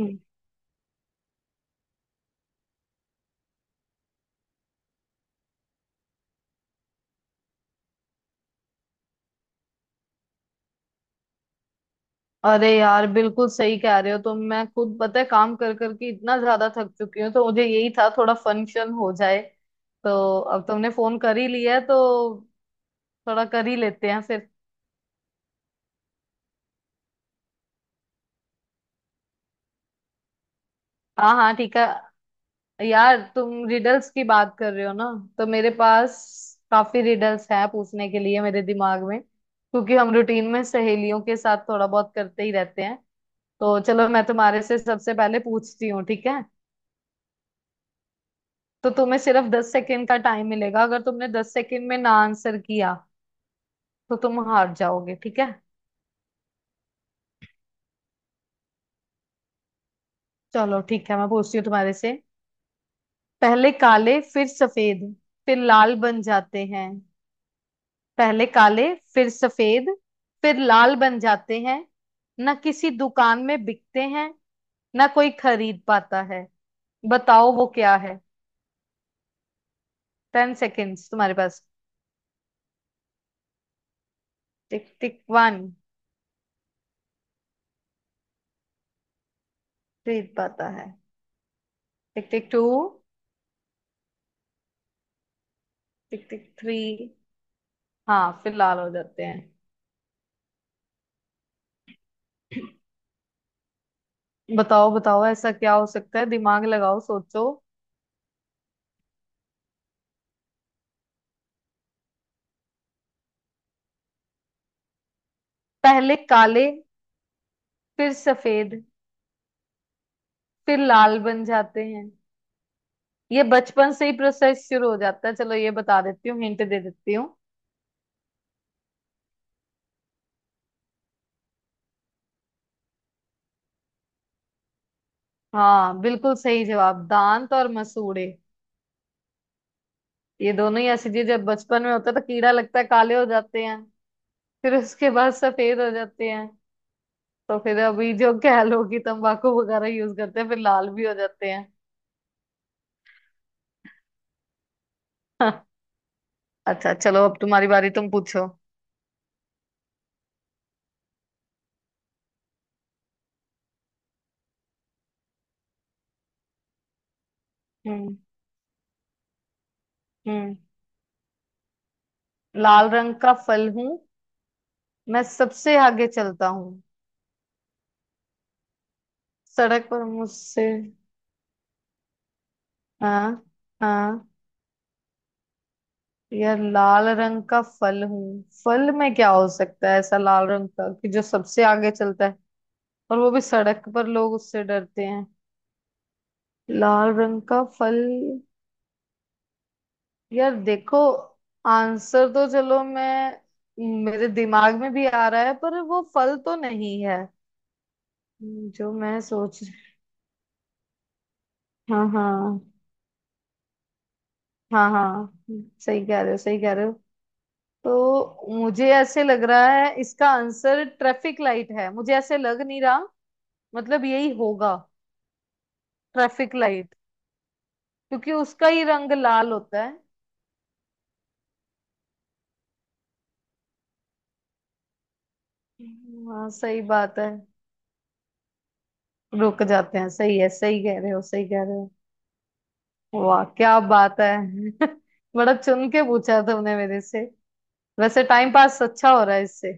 हम्म। अरे यार बिल्कुल सही कह रहे हो तुम। मैं खुद पता है काम कर करके इतना ज्यादा थक चुकी हूँ, तो मुझे यही था थोड़ा फंक्शन हो जाए। तो अब तुमने फोन कर ही लिया है तो थोड़ा कर ही लेते हैं फिर। हाँ हाँ ठीक है। यार तुम रिडल्स की बात कर रहे हो ना, तो मेरे पास काफी रिडल्स है पूछने के लिए मेरे दिमाग में, क्योंकि हम रूटीन में सहेलियों के साथ थोड़ा बहुत करते ही रहते हैं। तो चलो मैं तुम्हारे से सबसे पहले पूछती हूँ, ठीक है। तो तुम्हें सिर्फ 10 सेकेंड का टाइम मिलेगा, अगर तुमने 10 सेकेंड में ना आंसर किया, तो तुम हार जाओगे, ठीक है। चलो ठीक है, मैं पूछती हूँ तुम्हारे से। पहले काले, फिर सफेद, फिर लाल बन जाते हैं। पहले काले, फिर सफेद, फिर लाल बन जाते हैं। ना किसी दुकान में बिकते हैं, ना कोई खरीद पाता है। बताओ वो क्या है। 10 seconds तुम्हारे पास। Tick tick one. खरीद पाता है। Tick tick two. Tick tick three. हाँ फिर लाल हो जाते हैं। बताओ बताओ, ऐसा क्या हो सकता है, दिमाग लगाओ, सोचो। पहले काले, फिर सफेद, फिर लाल बन जाते हैं। ये बचपन से ही प्रोसेस शुरू हो जाता है। चलो ये बता देती हूँ, हिंट दे देती हूँ। हाँ बिल्कुल सही जवाब, दांत और मसूड़े। ये दोनों ही ऐसी चीज, जब बचपन में होता है तो कीड़ा लगता है, काले हो जाते हैं। फिर उसके बाद सफेद हो जाते हैं। तो फिर अभी जो क्या लोग ही तंबाकू वगैरह यूज करते हैं, फिर लाल भी हो जाते हैं। अच्छा चलो, अब तुम्हारी बारी, तुम पूछो। हम्म हम्म। लाल रंग का फल हूँ, मैं सबसे आगे चलता हूँ, सड़क पर मुझसे। हाँ हाँ। यह लाल रंग का फल हूँ। फल में क्या हो सकता है ऐसा लाल रंग का, कि जो सबसे आगे चलता है, और वो भी सड़क पर लोग उससे डरते हैं। लाल रंग का फल। यार देखो, आंसर तो, चलो मैं, मेरे दिमाग में भी आ रहा है पर वो फल तो नहीं है जो मैं सोच। हाँ हाँ। हाँ सही कह रहे हो, सही कह रहे हो। तो मुझे ऐसे लग रहा है, इसका आंसर ट्रैफिक लाइट है। मुझे ऐसे लग नहीं रहा, मतलब यही होगा, ट्रैफिक लाइट। क्योंकि उसका ही रंग लाल होता है। हाँ सही बात है। रुक जाते हैं, सही है, सही कह रहे हो, सही कह रहे हो। वाह क्या बात है। बड़ा चुन के पूछा तुमने मेरे से। वैसे टाइम पास अच्छा हो रहा है इससे।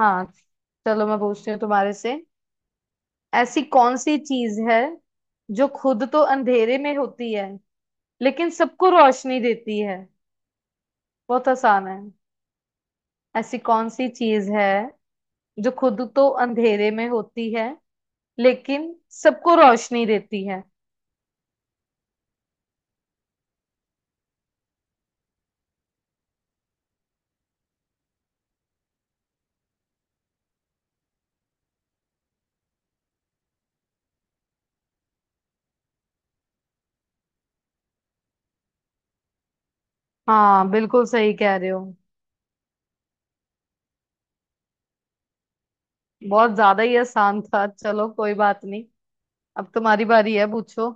हाँ, चलो मैं पूछती हूँ तुम्हारे से। ऐसी कौन सी चीज है जो खुद तो अंधेरे में होती है, लेकिन सबको रोशनी देती है। बहुत आसान है। ऐसी कौन सी चीज है जो खुद तो अंधेरे में होती है, लेकिन सबको रोशनी देती है। हाँ बिल्कुल सही कह रहे हो। बहुत ज्यादा ही आसान था, चलो कोई बात नहीं। अब तुम्हारी बारी है, पूछो।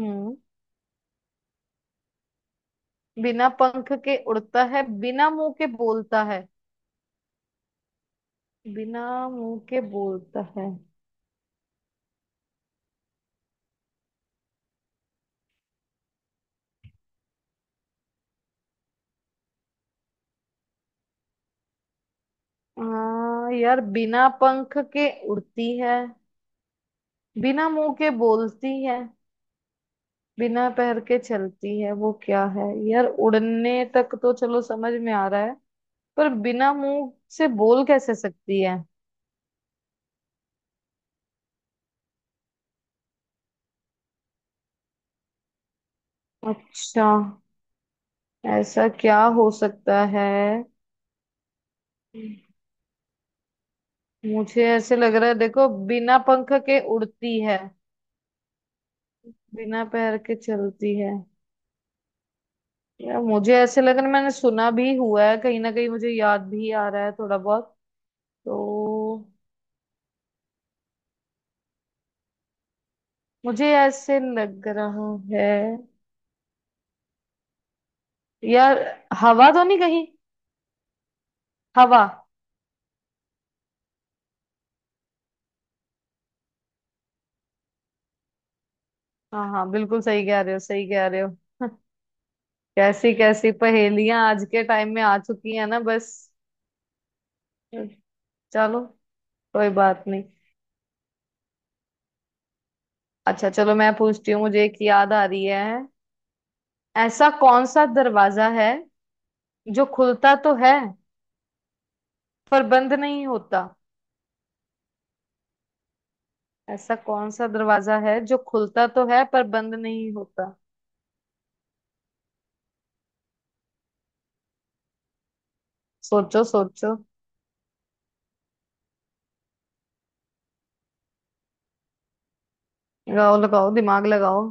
हम्म। बिना पंख के उड़ता है, बिना मुंह के बोलता है, बिना मुंह के बोलता है। हाँ यार, बिना पंख के उड़ती है, बिना मुंह के बोलती है, बिना पैर के चलती है, वो क्या है यार। उड़ने तक तो चलो समझ में आ रहा है, पर बिना मुंह से बोल कैसे सकती है। अच्छा, ऐसा क्या हो सकता है। मुझे ऐसे लग रहा है, देखो, बिना पंख के उड़ती है, बिना पैर के चलती है। यार मुझे ऐसे लग रहा है, मैंने सुना भी हुआ है कहीं ना कहीं, मुझे याद भी आ रहा है थोड़ा बहुत। तो मुझे ऐसे लग रहा है यार, हवा तो नहीं कहीं। हवा। हाँ हाँ बिल्कुल सही कह रहे हो, सही कह रहे हो। कैसी कैसी पहेलियां आज के टाइम में आ चुकी हैं ना, बस। चलो कोई बात नहीं। अच्छा चलो, मैं पूछती हूँ, मुझे एक याद आ रही है। ऐसा कौन सा दरवाजा है जो खुलता तो है, पर बंद नहीं होता। ऐसा कौन सा दरवाजा है जो खुलता तो है, पर बंद नहीं होता। सोचो सोचो, लगाओ लगाओ, दिमाग लगाओ।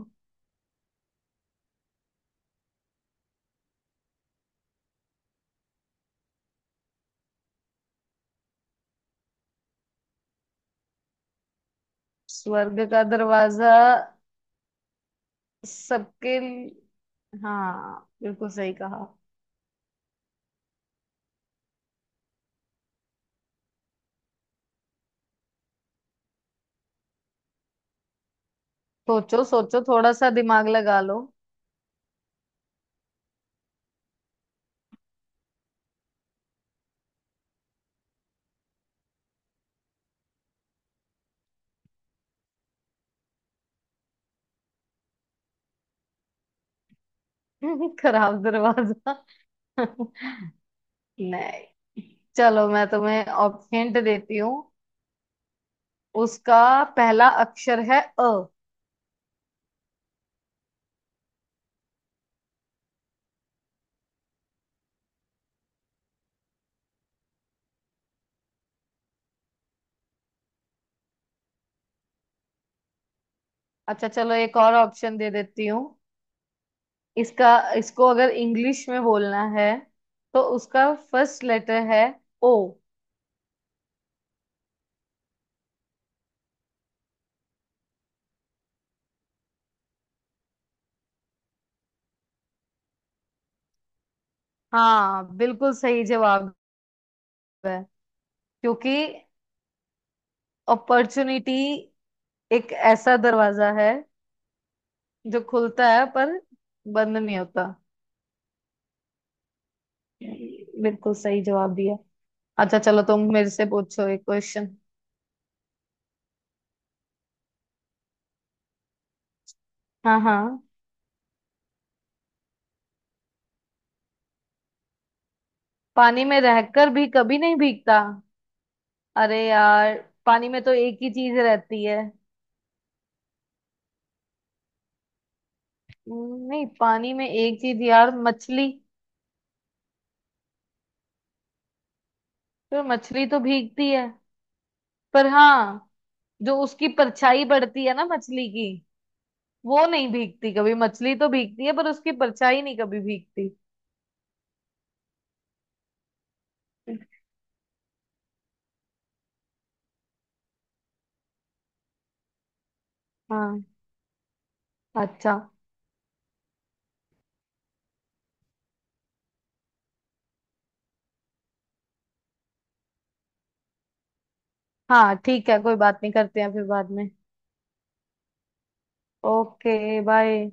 स्वर्ग का दरवाजा? हाँ बिल्कुल सही कहा। सोचो सोचो, थोड़ा सा दिमाग लगा लो। खराब दरवाजा। नहीं, चलो मैं तुम्हें ऑप्शन देती हूँ। उसका पहला अक्षर है अ। अच्छा चलो, एक और ऑप्शन दे देती हूँ। इसका, इसको अगर इंग्लिश में बोलना है, तो उसका फर्स्ट लेटर है ओ। हाँ बिल्कुल सही जवाब है। क्योंकि अपॉर्चुनिटी एक ऐसा दरवाजा है, जो खुलता है पर बंद नहीं होता। बिल्कुल सही जवाब दिया। अच्छा चलो, तुम मेरे से पूछो एक क्वेश्चन। हाँ हाँ। पानी में रहकर भी कभी नहीं भीगता। अरे यार, पानी में तो एक ही चीज रहती है। नहीं, पानी में एक चीज यार, मछली। तो मछली तो भीगती है, पर हाँ, जो उसकी परछाई पड़ती है ना मछली की, वो नहीं भीगती कभी। मछली तो भीगती है, पर उसकी परछाई नहीं कभी भीगती। हाँ। अच्छा, हाँ ठीक है, कोई बात नहीं, करते हैं फिर बाद में। Okay bye.